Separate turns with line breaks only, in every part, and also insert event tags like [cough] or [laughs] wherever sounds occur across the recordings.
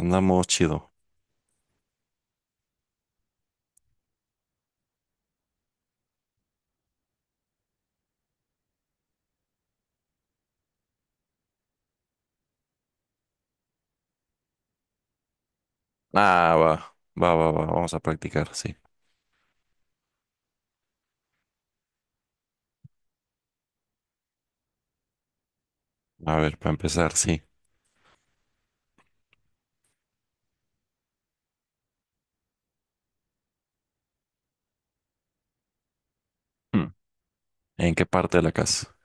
Andamos chido. Ah, va, va, va, va. Vamos a practicar, sí. A ver, para empezar, sí. Hmm. ¿En qué parte de la casa?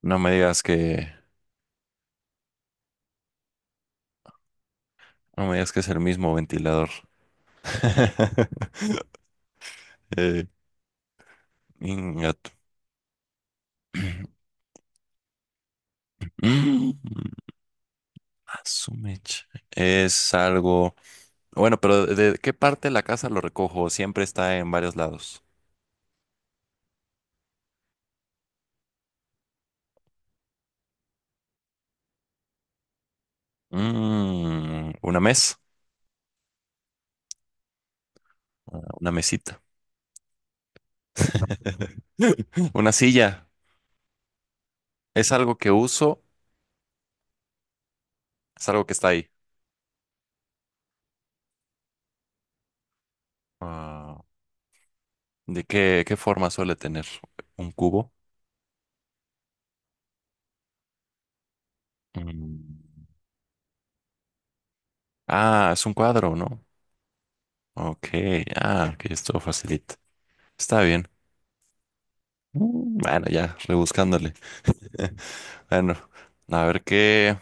No me digas que, no me digas que es el mismo ventilador. [laughs] eh, ingato. Mm, a [clears throat] su mecha. Es algo. Bueno, pero ¿de qué parte de la casa lo recojo? Siempre está en varios lados. Una mesa, una mesita, [laughs] una silla. Es algo que uso. Es algo que está ahí. Ah, ¿de qué, forma suele tener? ¿Un cubo? Mm. Ah, es un cuadro, ¿no? Ok, que esto facilita. Está bien. Bueno, ya, rebuscándole. [laughs] Bueno, a ver qué.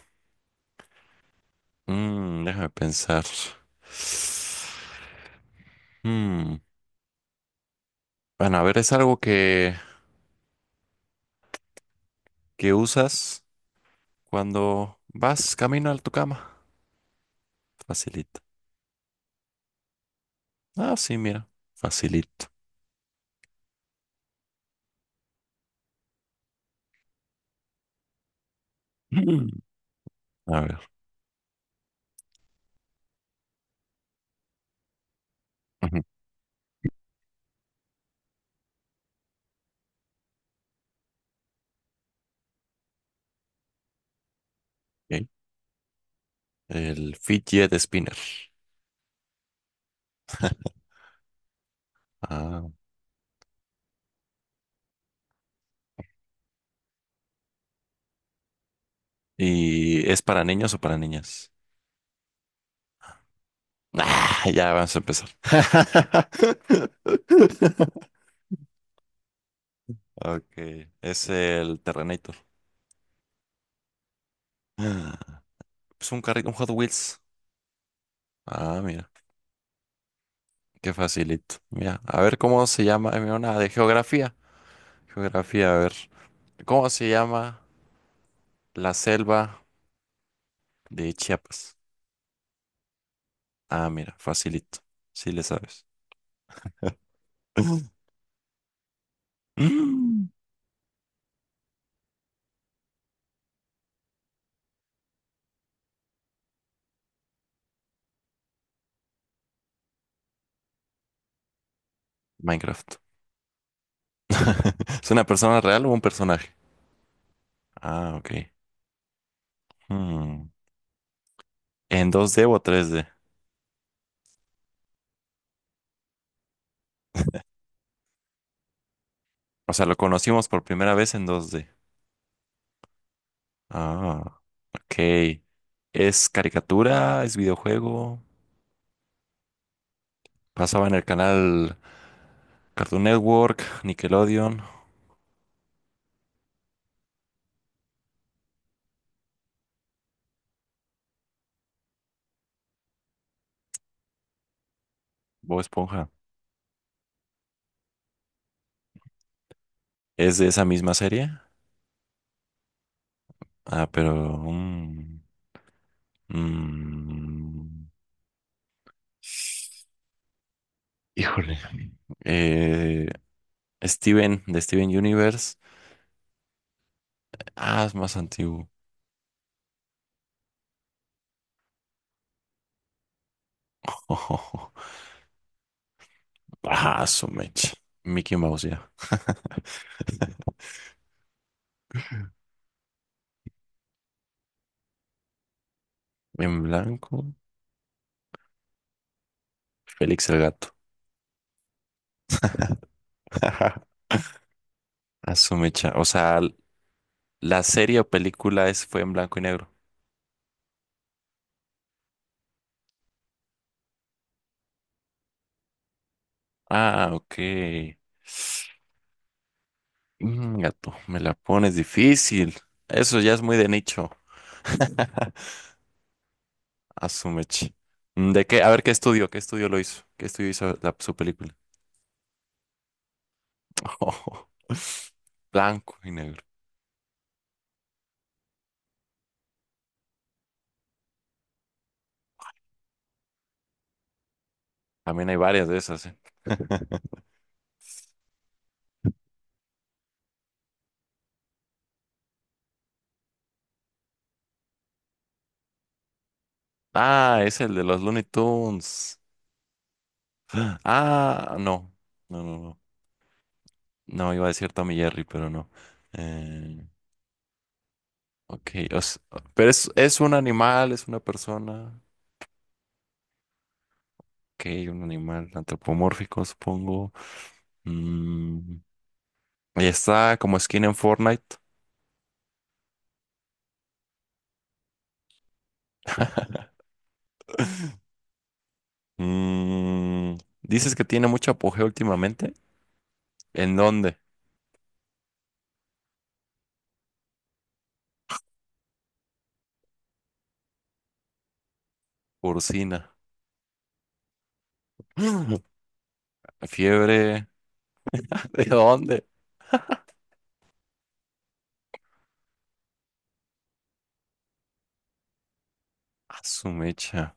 Déjame pensar. Mm, Bueno, a ver, es algo que usas cuando vas camino a tu cama. Facilita. Ah, sí, mira, facilito. Mm. A ver. Ok. El fidget spinner. Ah. ¿Y es para niños o para niñas? Ah, ya vamos a empezar. [laughs] Ok, es el Terrenator. Ah, es un carrito, un Hot Wheels. Ah, mira, qué facilito. Mira, a ver cómo se llama, mira, una de geografía. Geografía, a ver. ¿Cómo se llama la selva de Chiapas? Ah, mira, facilito. Sí le sabes. [clears throat] [laughs] Mm. Minecraft. [laughs] ¿Es una persona real o un personaje? Ah, ok. Hmm. En dos 2D o 3D. O sea, lo conocimos por primera vez en dos d. Ah, ok. ¿Es caricatura? ¿Es videojuego? Pasaba en el canal Cartoon Network, Nickelodeon. Bob Esponja. ¿Es de esa misma serie? Ah, pero. Mm, mm. Híjole. Eh, Steven, de Steven Universe. Ah, es más antiguo. [laughs] Ah, su mecha. Mickey Mouse ya. [laughs] En blanco. Félix el gato. [laughs] A su mecha. O sea, la serie o película fue en blanco y negro. Ah, ok. Gato, me la pones difícil. Eso ya es muy de nicho. [laughs] A su mecha. ¿De qué? A ver, ¿qué estudio? ¿Qué estudio lo hizo? ¿Qué estudio hizo su película? [laughs] Blanco y negro. También hay varias de esas, ¿eh? [laughs] Ah, es el de los Looney Tunes. Ah, no. No, no, no. No, iba a decir Tommy Jerry, pero no. Eh, ok, pero es un animal, es una persona. Ok, un animal antropomórfico, supongo. Mm, y está como skin en Fortnite. [laughs] Mm, dices que tiene mucho apogeo últimamente. ¿En dónde? Porcina. [gasps] [laughs] Fiebre. [laughs] ¿De dónde? A su mecha.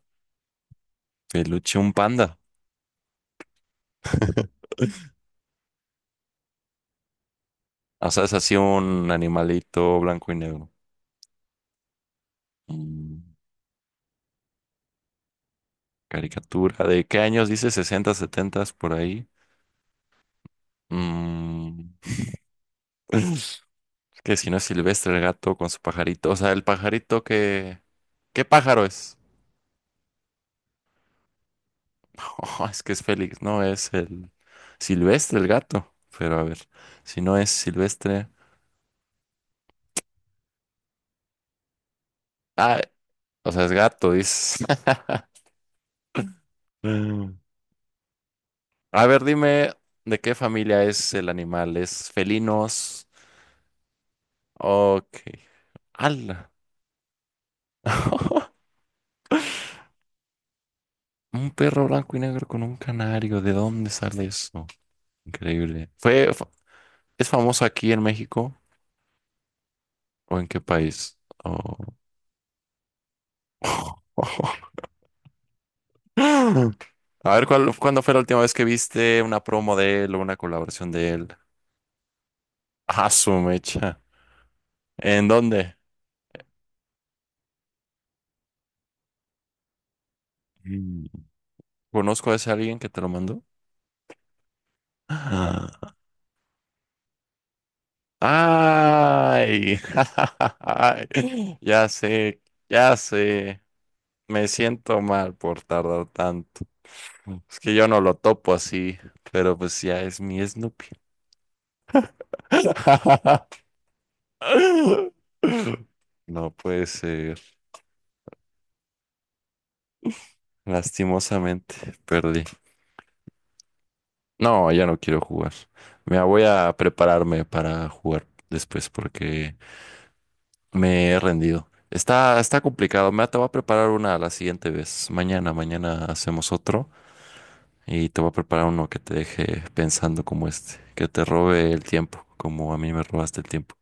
Peluche, un panda. [laughs] O sea, es así un animalito blanco y negro. Mm, caricatura. ¿De qué años dice? 60 70 por ahí. Mm, [sniffs] [laughs] que si no es silvestre el gato con su pajarito. O sea, el pajarito que. ¿Qué pájaro es? [laughs] Oh, es que es Félix. No, es el silvestre el gato. Pero a ver, si no es silvestre. Ah, o sea, es gato, dice. [laughs] Mm. A ver, dime de qué familia es el animal. ¿Es felinos? Ok. ¡Hala! [laughs] Un perro blanco y negro con un canario, ¿de dónde sale eso? Increíble. ¿Es famoso aquí en México o en qué país? Oh. [laughs] A ver, ¿cuándo fue la última vez que viste una promo de él o una colaboración de él? Ah, su mecha. ¿En dónde? Mm. ¿Conozco a ese alguien que te lo mandó? [gasps] Ah. ¡Ay! [laughs] ay, ya sé, ya sé. Me siento mal por tardar tanto. Es que yo no lo topo así, pero pues ya es mi Snoopy. [laughs] No puede ser. Lastimosamente perdí. No, ya no quiero jugar. Me voy a prepararme para jugar después porque me he rendido. Está complicado. Me te voy a preparar una la siguiente vez. Mañana, mañana hacemos otro. Y te voy a preparar uno que te deje pensando como este, que te robe el tiempo, como a mí me robaste el tiempo.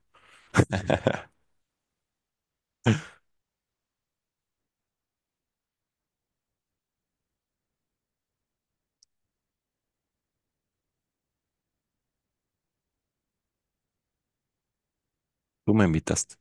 Tú me invitaste.